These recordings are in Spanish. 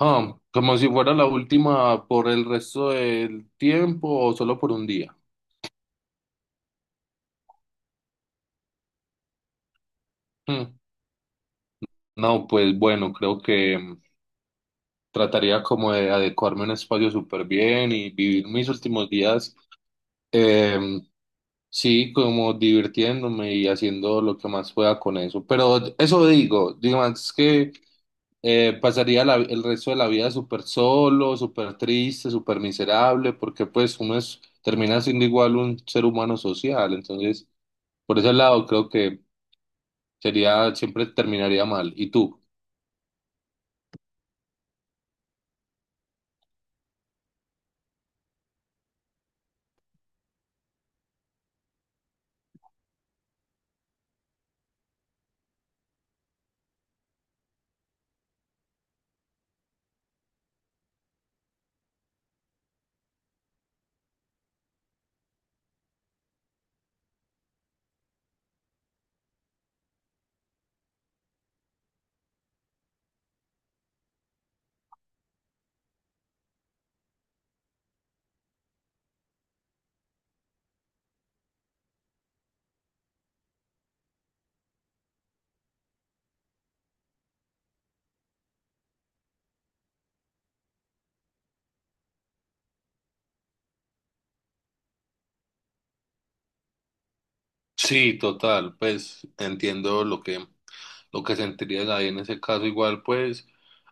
Ah, como si fuera la última por el resto del tiempo o solo por un día. Hmm. No, pues bueno, creo que trataría como de adecuarme a un espacio súper bien y vivir mis últimos días, em, sí, como divirtiéndome y haciendo lo que más pueda con eso. Pero eso digo, es que pasaría el resto de la vida súper solo, súper triste, súper miserable, porque pues uno termina siendo igual un ser humano social, entonces. Por ese lado, creo que siempre terminaría mal. ¿Y tú? Sí, total, pues entiendo lo que sentirías ahí en ese caso. Igual, pues,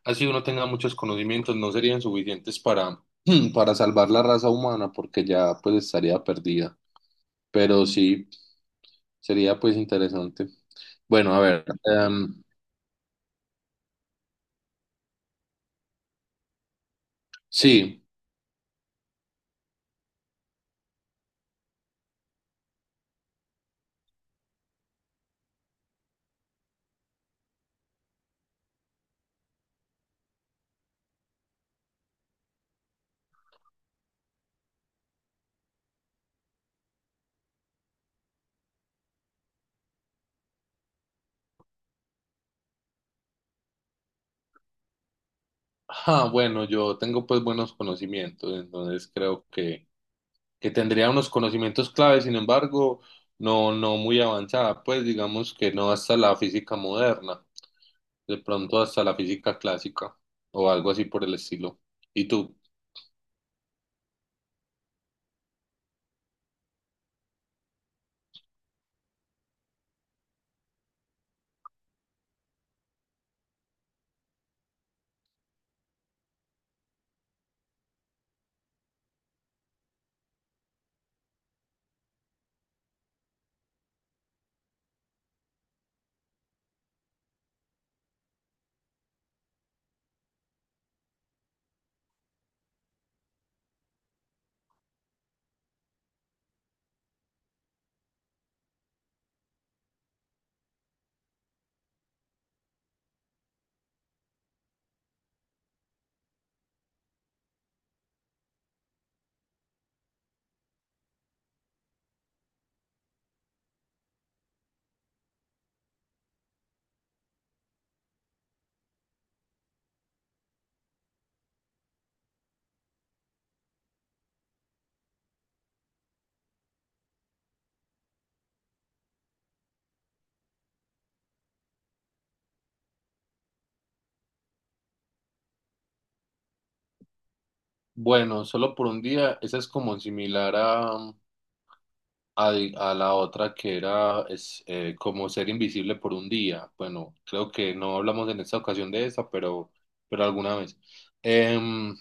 así uno tenga muchos conocimientos, no serían suficientes para salvar la raza humana, porque ya pues estaría perdida. Pero sí, sería pues interesante. Bueno, a ver, sí. Ah, bueno, yo tengo pues buenos conocimientos, entonces creo que tendría unos conocimientos claves, sin embargo, no, no muy avanzada, pues digamos que no hasta la física moderna, de pronto hasta la física clásica o algo así por el estilo. ¿Y tú? Bueno, solo por un día, esa es como similar a, a la otra que era como ser invisible por un día. Bueno, creo que no hablamos en esta ocasión de esa, pero alguna vez. Em,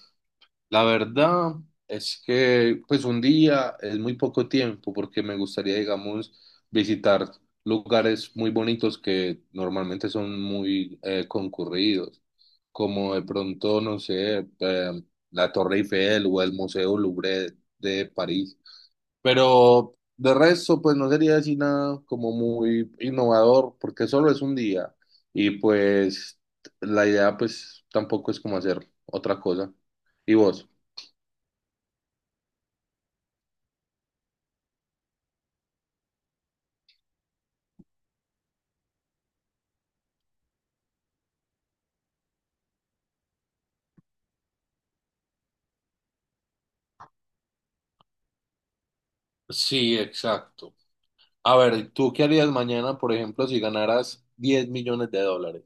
La verdad es que pues un día es muy poco tiempo porque me gustaría, digamos, visitar lugares muy bonitos que normalmente son muy concurridos, como de pronto, no sé, la Torre Eiffel o el Museo Louvre de París. Pero de resto, pues no sería así nada como muy innovador porque solo es un día y pues la idea pues tampoco es como hacer otra cosa. ¿Y vos? Sí, exacto. A ver, ¿tú qué harías mañana, por ejemplo, si ganaras 10 millones de dólares?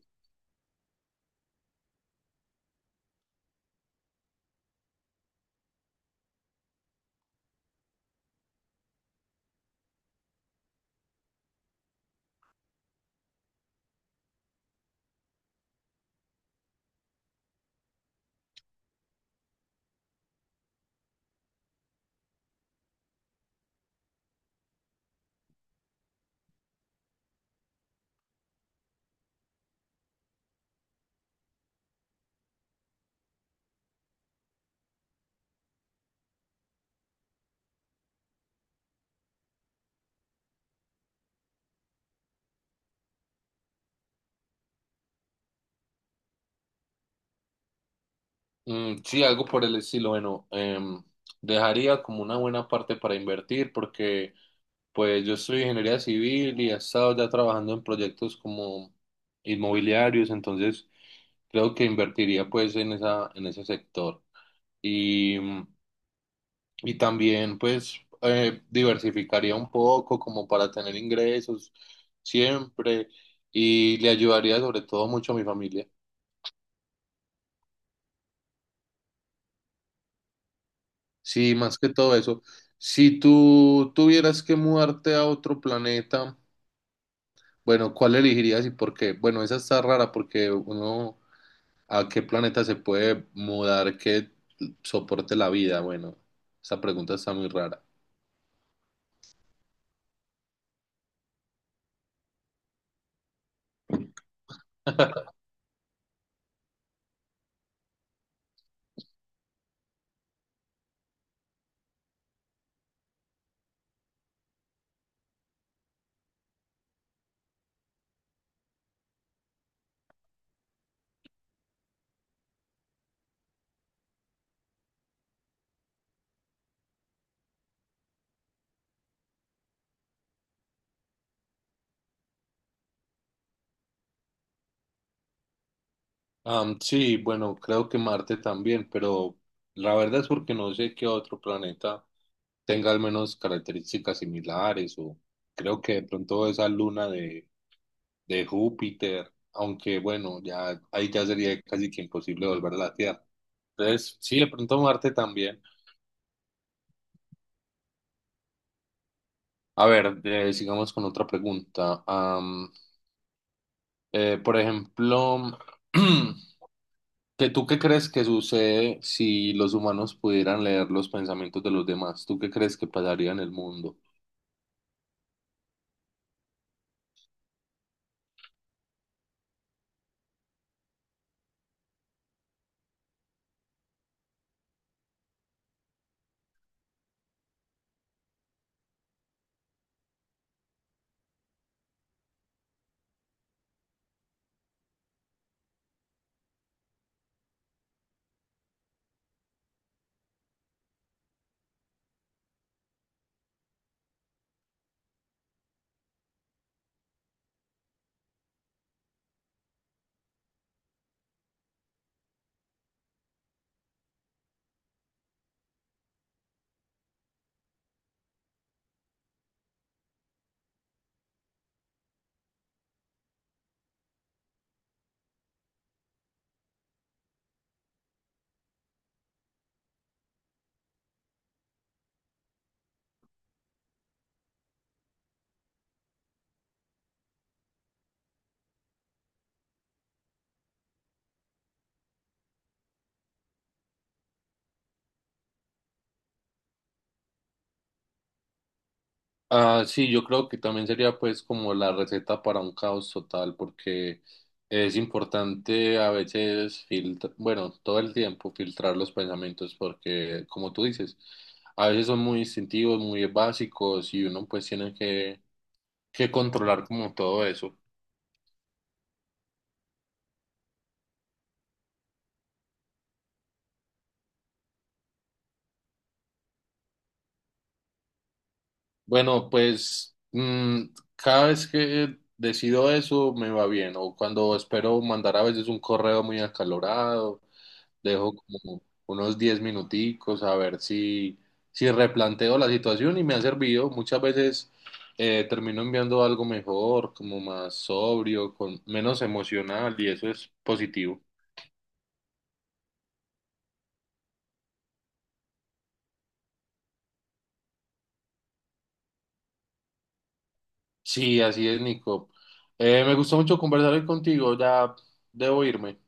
Mm, sí, algo por el estilo. Bueno, dejaría como una buena parte para invertir porque pues yo soy ingeniería civil y he estado ya trabajando en proyectos como inmobiliarios, entonces creo que invertiría pues en ese sector. Y mm, Y también, pues, diversificaría un poco como para tener ingresos siempre y le ayudaría sobre todo mucho a mi familia. Sí, más que todo eso. Si tú tuvieras que mudarte a otro planeta, bueno, ¿cuál elegirías y por qué? Bueno, esa está rara porque uno, ¿a qué planeta se puede mudar que soporte la vida? Bueno, esa pregunta está muy rara. Sí, bueno, creo que Marte también, pero la verdad es porque no sé qué otro planeta tenga al menos características similares o creo que de pronto esa luna de Júpiter, aunque bueno, ya ahí ya sería casi que imposible volver a la Tierra. Entonces, sí, de pronto Marte también. A ver, sigamos con otra pregunta. Por ejemplo, ¿Que tú qué crees que sucede si los humanos pudieran leer los pensamientos de los demás? ¿Tú qué crees que pasaría en el mundo? Ah, sí, yo creo que también sería pues como la receta para un caos total, porque es importante a veces filtrar, bueno, todo el tiempo filtrar los pensamientos, porque como tú dices, a veces son muy instintivos, muy básicos y uno pues tiene que controlar como todo eso. Bueno, pues cada vez que decido eso me va bien. O cuando espero mandar a veces un correo muy acalorado, dejo como unos 10 minuticos a ver si replanteo la situación y me ha servido. Muchas veces termino enviando algo mejor, como más sobrio, con menos emocional y eso es positivo. Sí, así es, Nico. Me gustó mucho conversar hoy contigo. Ya debo irme.